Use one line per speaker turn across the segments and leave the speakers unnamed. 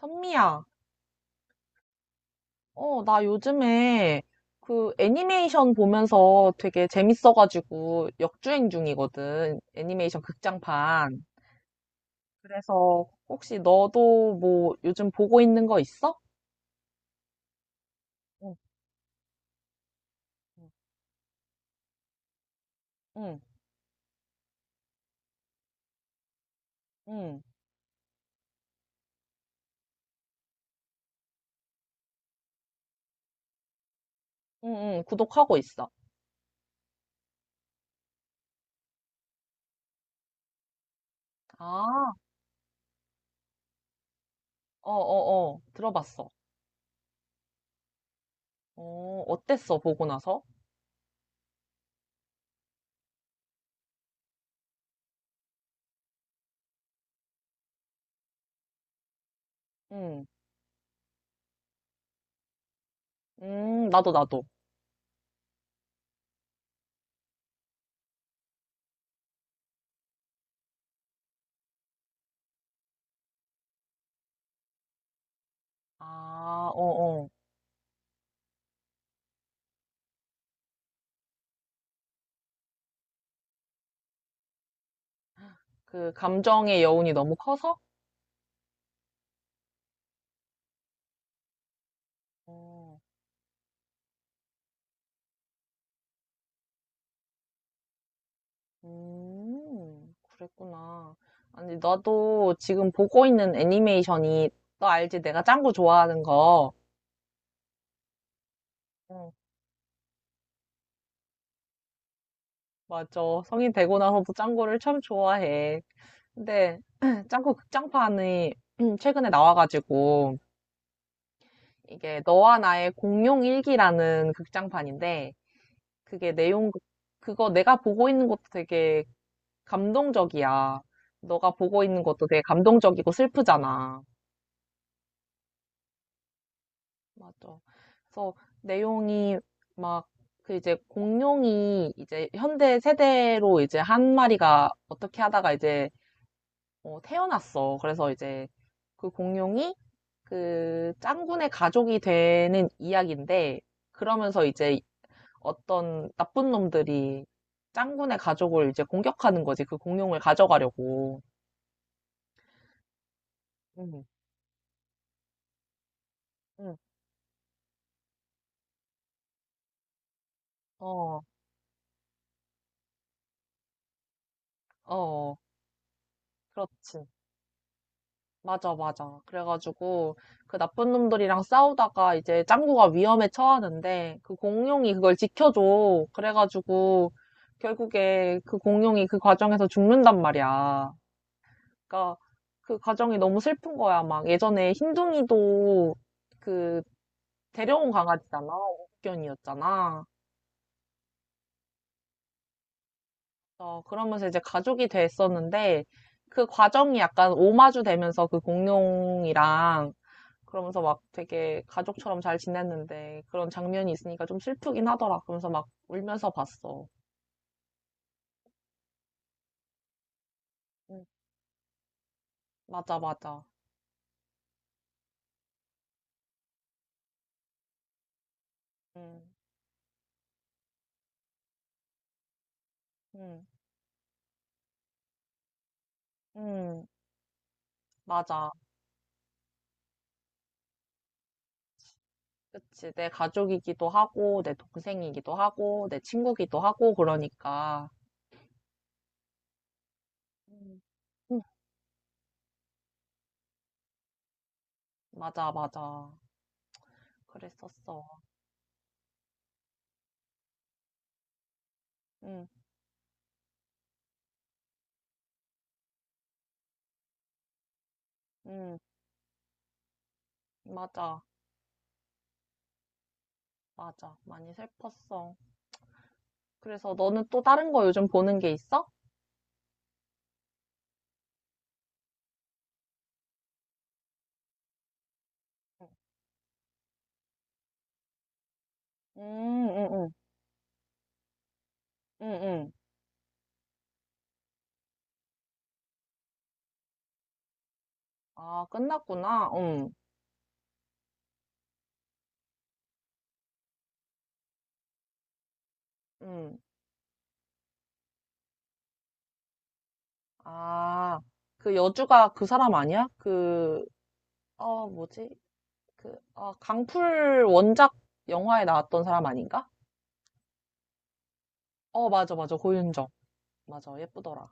선미야, 나 요즘에 그 애니메이션 보면서 되게 재밌어가지고 역주행 중이거든. 애니메이션 극장판. 그래서 혹시 너도 뭐 요즘 보고 있는 거 있어? 응, 응, 응, 응, 응, 구독하고 있어. 아, 어, 어, 어, 들어봤어. 어, 어땠어, 보고 나서? 응, 나도. 아, 어, 어. 그 감정의 여운이 너무 커서? 어. 그랬구나. 아니, 나도 지금 보고 있는 애니메이션이, 너 알지? 내가 짱구 좋아하는 거. 어, 맞아. 성인 되고 나서도 짱구를 참 좋아해. 근데, 짱구 극장판이 최근에 나와가지고, 이게 너와 나의 공룡 일기라는 극장판인데, 그게 내용, 그거 내가 보고 있는 것도 되게 감동적이야. 너가 보고 있는 것도 되게 감동적이고 슬프잖아. 맞아. 그래서 내용이 막 그 이제 공룡이 이제 현대 세대로 이제 한 마리가 어떻게 하다가 이제 태어났어. 그래서 이제 그 공룡이 그 짱구네 가족이 되는 이야기인데 그러면서 이제 어떤 나쁜 놈들이 짱구네 가족을 이제 공격하는 거지. 그 공룡을 가져가려고. 응, 응. 어, 어, 그렇지. 맞아. 그래가지고 그 나쁜 놈들이랑 싸우다가 이제 짱구가 위험에 처하는데 그 공룡이 그걸 지켜줘. 그래가지고 결국에 그 공룡이 그 과정에서 죽는단 말이야. 그러니까 그 과정이 너무 슬픈 거야. 막 예전에 흰둥이도 그 데려온 강아지잖아. 옥견이었잖아. 어, 그러면서 이제 가족이 됐었는데 그 과정이 약간 오마주 되면서 그 공룡이랑 그러면서 막 되게 가족처럼 잘 지냈는데 그런 장면이 있으니까 좀 슬프긴 하더라. 그러면서 막 울면서 봤어. 응, 맞아. 응, 응, 응, 맞아. 그치. 내 가족이기도 하고, 내 동생이기도 하고, 내 친구기도 하고, 그러니까. 응, 응, 맞아. 그랬었어. 응, 응, 맞아, 맞아. 많이 슬펐어. 그래서 너는 또 다른 거 요즘 보는 게 있어? 응, 응, 응, 응, 응. 아, 끝났구나. 응, 응. 아, 그 여주가 그 사람 아니야? 그, 어, 뭐지? 그, 어, 강풀 원작 영화에 나왔던 사람 아닌가? 어, 맞아. 고윤정. 맞아. 예쁘더라.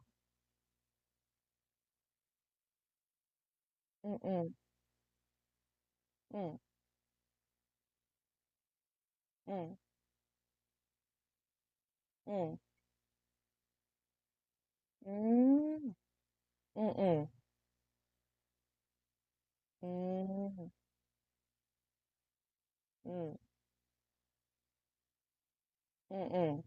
응, 응, 응, 응, 응. 음, 응, 응, 음, 응, 응, 응.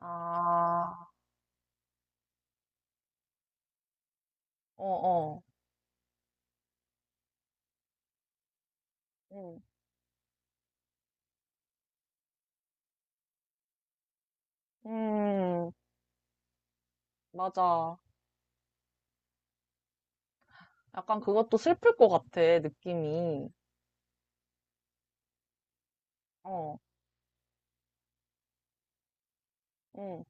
아, 어, 어. 응, 음, 맞아. 약간 그것도 슬플 것 같아, 느낌이. 어, 응,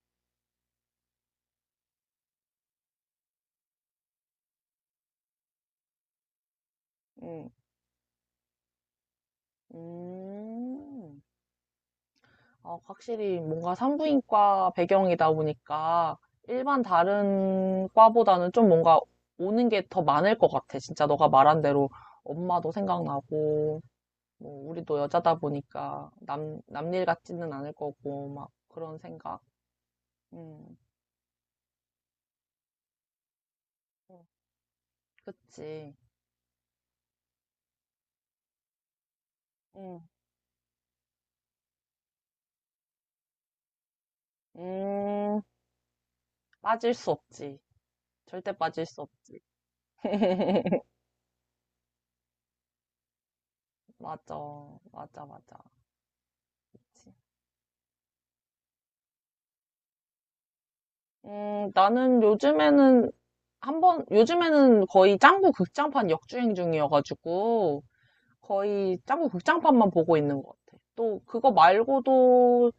응. 음. 아, 확실히 뭔가 산부인과 배경이다 보니까 일반 다른 과보다는 좀 뭔가 오는 게 더 많을 것 같아. 진짜 너가 말한 대로 엄마도 생각나고, 뭐, 우리도 여자다 보니까 남, 남일 같지는 않을 거고, 막 그런 생각. 음, 음, 그치. 음, 음, 빠질 수 없지. 절대 빠질 수 없지. 맞아, 맞아. 나는 요즘에는 한 번, 요즘에는 거의 짱구 극장판 역주행 중이어가지고, 거의 짱구 극장판만 보고 있는 것 같아. 또, 그거 말고도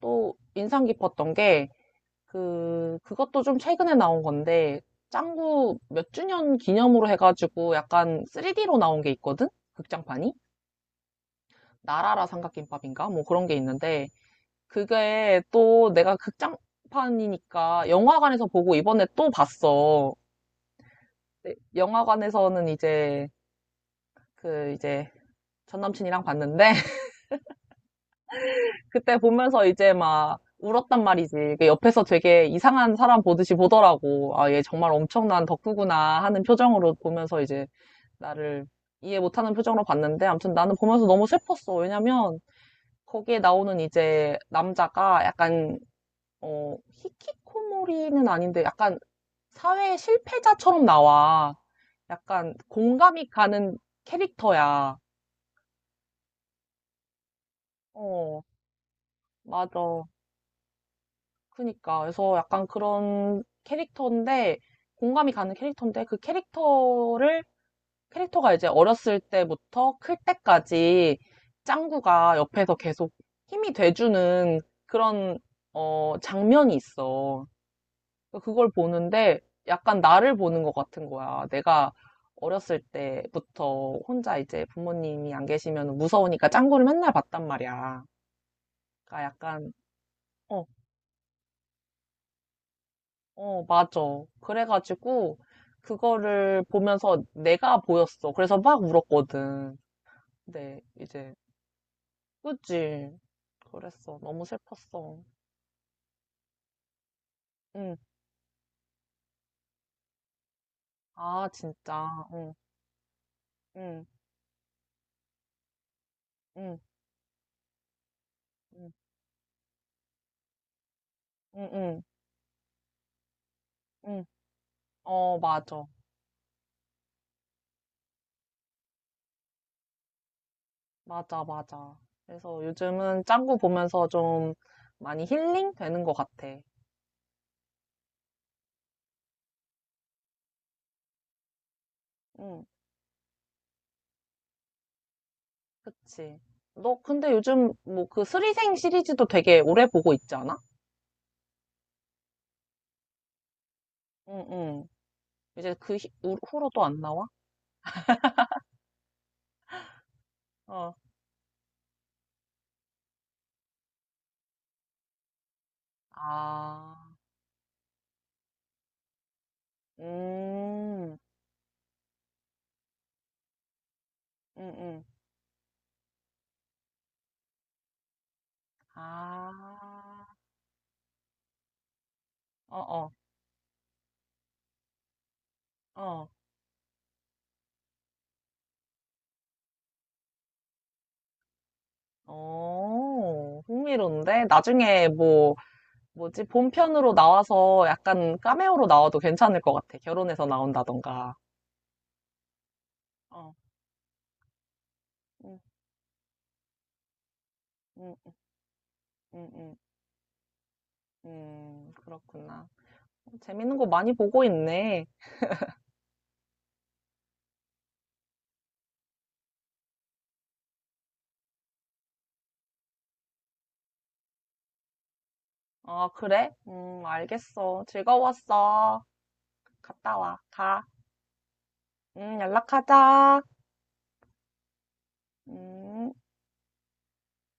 또 인상 깊었던 게, 그, 그것도 좀 최근에 나온 건데, 짱구 몇 주년 기념으로 해가지고 약간 3D로 나온 게 있거든? 극장판이? 나라라 삼각김밥인가? 뭐 그런 게 있는데, 그게 또 내가 극장판이니까 영화관에서 보고 이번에 또 봤어. 네, 영화관에서는 이제 그 이제 전 남친이랑 봤는데 그때 보면서 이제 막 울었단 말이지. 그 옆에서 되게 이상한 사람 보듯이 보더라고. 아, 얘 정말 엄청난 덕후구나 하는 표정으로 보면서 이제 나를 이해 못하는 표정으로 봤는데 아무튼 나는 보면서 너무 슬펐어. 왜냐면 거기에 나오는 이제 남자가 약간 히키코모리는 아닌데 약간 사회 실패자처럼 나와. 약간 공감이 가는 캐릭터야. 어. 맞아. 그니까. 그래서 약간 그런 캐릭터인데, 공감이 가는 캐릭터인데, 캐릭터가 이제 어렸을 때부터 클 때까지 짱구가 옆에서 계속 힘이 돼주는 그런, 어, 장면이 있어. 그러니까 그걸 보는데, 약간 나를 보는 것 같은 거야. 내가 어렸을 때부터 혼자 이제 부모님이 안 계시면 무서우니까 짱구를 맨날 봤단 말이야. 그러니까 약간, 어, 어, 맞아. 그래가지고, 그거를 보면서 내가 보였어. 그래서 막 울었거든. 근데 이제, 그치. 그랬어. 너무 슬펐어. 응. 아, 진짜. 응, 응, 응, 응, 응, 응, 응. 어, 맞아. 맞아. 그래서 요즘은 짱구 보면서 좀 많이 힐링 되는 것 같아. 응, 그치. 너 근데 요즘 뭐 그 스리생 시리즈도 되게 오래 보고 있지 않아? 응, 응. 이제 그 히- 후- 로 또 안 나와? 어, 아, 음, 음, 음. 아, 어, 어, 어. 어, 흥미로운데? 나중에 뭐, 뭐지, 본편으로 나와서 약간 카메오로 나와도 괜찮을 것 같아. 결혼해서 나온다던가. 어. 음, 음, 음, 음, 그렇구나. 어, 재밌는 거 많이 보고 있네. 아, 그래? 알겠어. 즐거웠어. 갔다 와. 가. 연락하자. 음.